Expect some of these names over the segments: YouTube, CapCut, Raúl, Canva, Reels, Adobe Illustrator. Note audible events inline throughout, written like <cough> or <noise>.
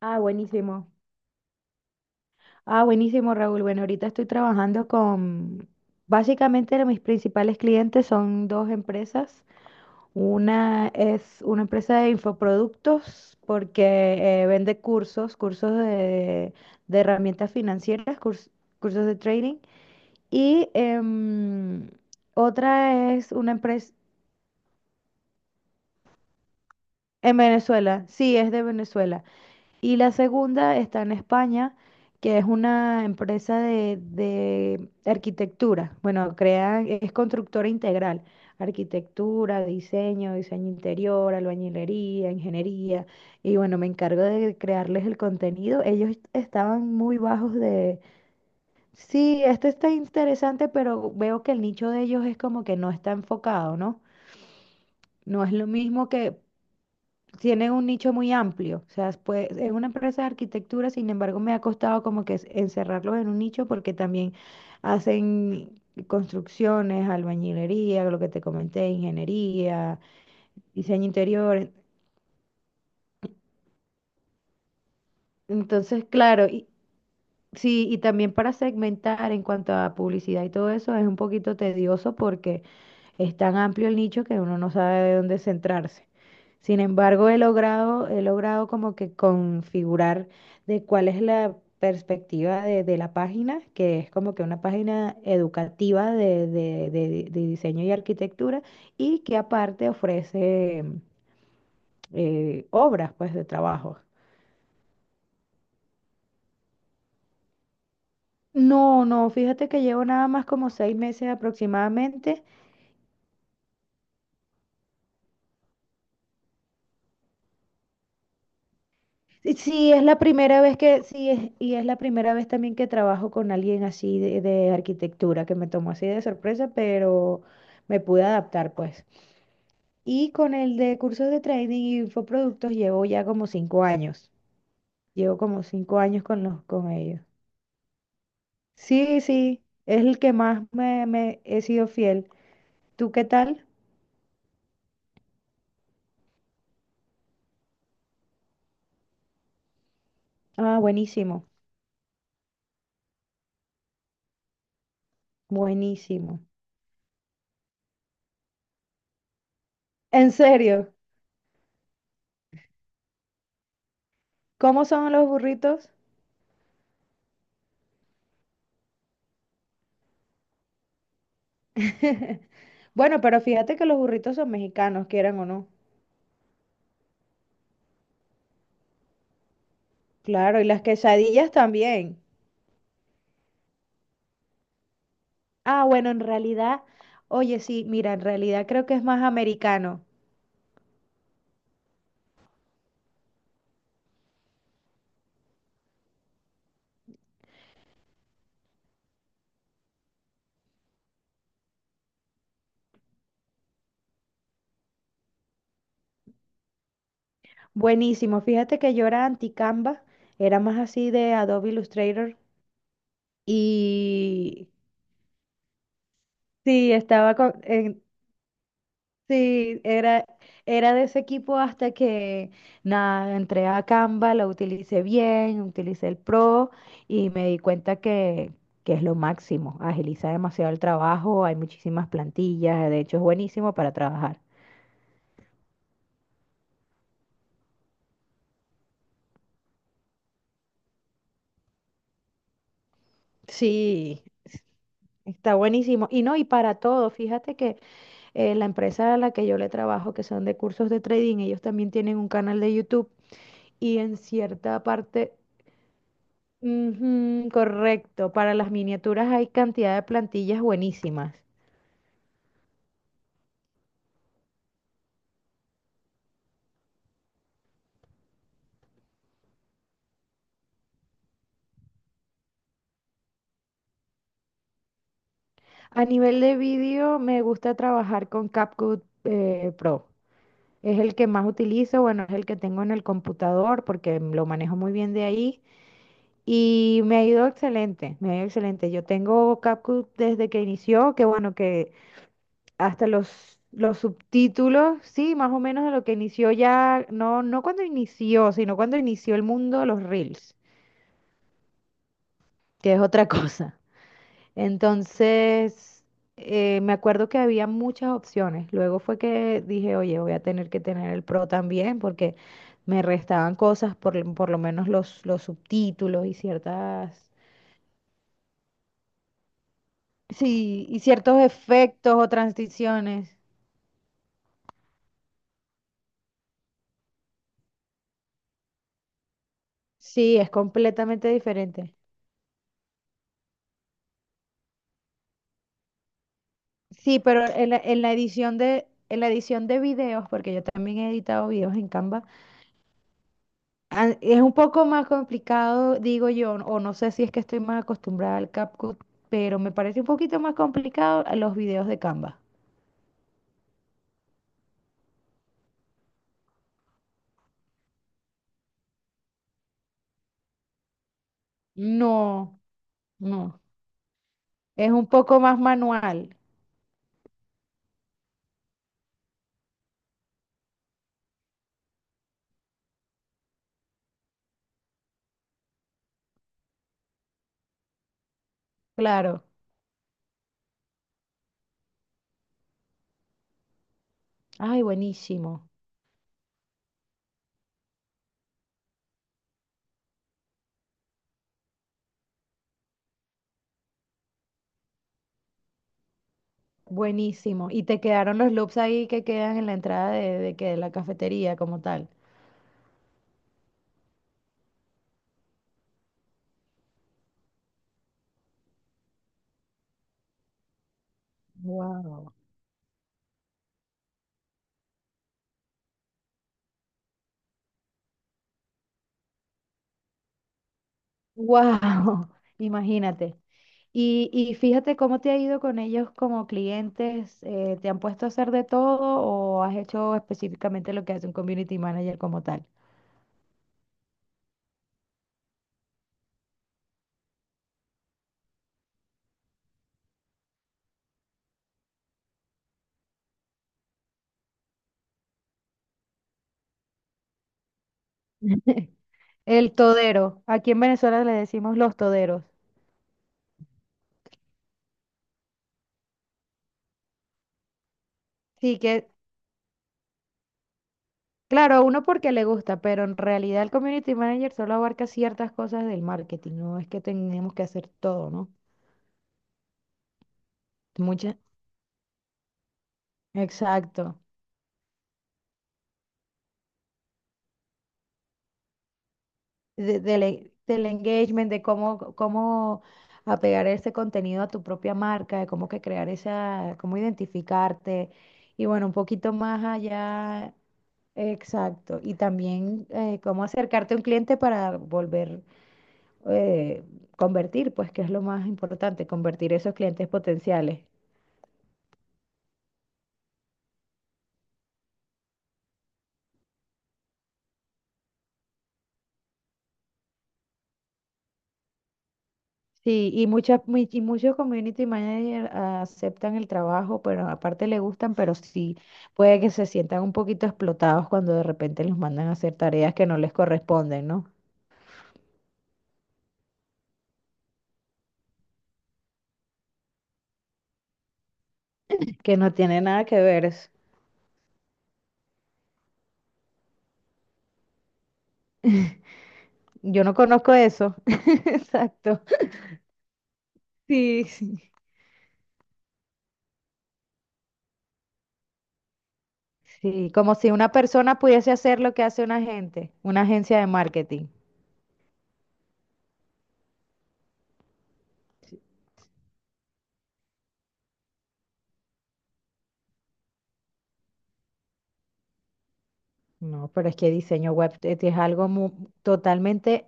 Ah, buenísimo. Ah, buenísimo, Raúl. Bueno, ahorita estoy trabajando básicamente mis principales clientes son dos empresas. Una es una empresa de infoproductos porque vende cursos de herramientas financieras, cursos de trading. Y otra es una empresa en Venezuela, sí, es de Venezuela. Y la segunda está en España, que es una empresa de arquitectura. Bueno, es constructora integral. Arquitectura, diseño, diseño interior, albañilería, ingeniería. Y bueno, me encargo de crearles el contenido. Ellos estaban muy bajos de. Sí, este está interesante, pero veo que el nicho de ellos es como que no está enfocado, ¿no? No es lo mismo que tiene un nicho muy amplio. O sea, pues, es una empresa de arquitectura, sin embargo, me ha costado como que encerrarlos en un nicho porque también hacen construcciones, albañilería, lo que te comenté, ingeniería, diseño interior. Entonces, claro, sí, y también para segmentar en cuanto a publicidad y todo eso es un poquito tedioso porque es tan amplio el nicho que uno no sabe de dónde centrarse. Sin embargo, he logrado como que configurar de cuál es la perspectiva de la página, que es como que una página educativa de diseño y arquitectura, y que aparte ofrece obras pues de trabajo. No, no, fíjate que llevo nada más como 6 meses aproximadamente. Sí, sí, es la primera vez sí, y es la primera vez también que trabajo con alguien así de arquitectura, que me tomó así de sorpresa, pero me pude adaptar, pues. Y con el de cursos de trading y infoproductos llevo ya como 5 años. Llevo como 5 años con ellos. Sí, sí, es el que más me he sido fiel. ¿Tú qué tal? Ah, buenísimo, buenísimo. En serio, ¿cómo son los burritos? <laughs> Bueno, pero fíjate que los burritos son mexicanos, quieran o no. Claro, y las quesadillas también. Ah, bueno, en realidad, oye, sí, mira, en realidad creo que es más americano. Buenísimo, fíjate que yo era anti-Canva, era más así de Adobe Illustrator y sí, estaba con, en- sí, era de ese equipo hasta que nada, entré a Canva, lo utilicé bien, utilicé el Pro y me di cuenta que es lo máximo. Agiliza demasiado el trabajo, hay muchísimas plantillas, de hecho es buenísimo para trabajar. Sí, está buenísimo. Y no, y para todo, fíjate que la empresa a la que yo le trabajo, que son de cursos de trading, ellos también tienen un canal de YouTube y en cierta parte, ujú, correcto, para las miniaturas hay cantidad de plantillas buenísimas. A nivel de vídeo me gusta trabajar con CapCut Pro. Es el que más utilizo, bueno, es el que tengo en el computador porque lo manejo muy bien de ahí y me ha ido excelente, me ha ido excelente. Yo tengo CapCut desde que inició, que bueno, que hasta los subtítulos, sí, más o menos de lo que inició ya, no, no cuando inició, sino cuando inició el mundo de los Reels, que es otra <laughs> cosa. Entonces, me acuerdo que había muchas opciones. Luego fue que dije, oye, voy a tener que tener el Pro también porque me restaban cosas, por lo menos los subtítulos y ciertas, sí, y ciertos efectos o transiciones. Sí, es completamente diferente. Sí, pero en la edición de videos, porque yo también he editado videos en Canva. Ah, es un poco más complicado, digo yo, o no sé si es que estoy más acostumbrada al CapCut, pero me parece un poquito más complicado a los videos de Canva. No, no. Es un poco más manual, claro. Ay, buenísimo, buenísimo. Y te quedaron los loops ahí que quedan en la entrada de la cafetería como tal. Wow. Wow, <laughs> imagínate. Y fíjate cómo te ha ido con ellos como clientes. ¿Te han puesto a hacer de todo o has hecho específicamente lo que hace un community manager como tal? <laughs> El todero. Aquí en Venezuela le decimos los toderos. Sí, que claro, a uno porque le gusta, pero en realidad el community manager solo abarca ciertas cosas del marketing. No es que tenemos que hacer todo, ¿no? Muchas. Exacto. Del engagement, de cómo apegar ese contenido a tu propia marca, de cómo que crear esa, cómo identificarte. Y bueno, un poquito más allá, exacto. Y también cómo acercarte a un cliente para volver, eh, convertir, pues que es lo más importante, convertir esos clientes potenciales. Sí, y y muchos community managers aceptan el trabajo, pero aparte le gustan, pero sí puede que se sientan un poquito explotados cuando de repente los mandan a hacer tareas que no les corresponden, ¿no? Que no tiene nada que ver. Yo no conozco eso. <laughs> Exacto. Sí, sí. Sí, como si una persona pudiese hacer lo que hace una agente, una agencia de marketing. No, pero es que diseño web es totalmente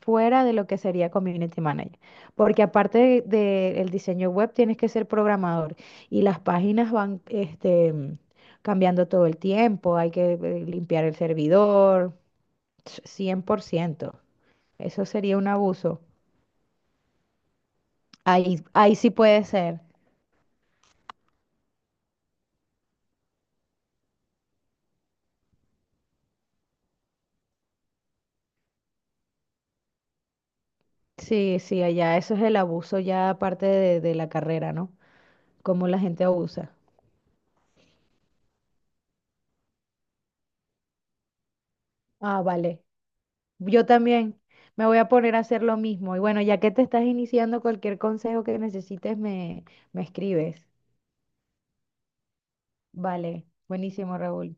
fuera de lo que sería community manager, porque aparte del diseño web tienes que ser programador y las páginas van cambiando todo el tiempo, hay que limpiar el servidor, 100%. Eso sería un abuso. Ahí, ahí sí puede ser. Sí, sí, allá eso es el abuso ya aparte de la carrera, ¿no? Cómo la gente abusa. Ah, vale. Yo también me voy a poner a hacer lo mismo. Y bueno, ya que te estás iniciando, cualquier consejo que necesites me escribes. Vale, buenísimo, Raúl.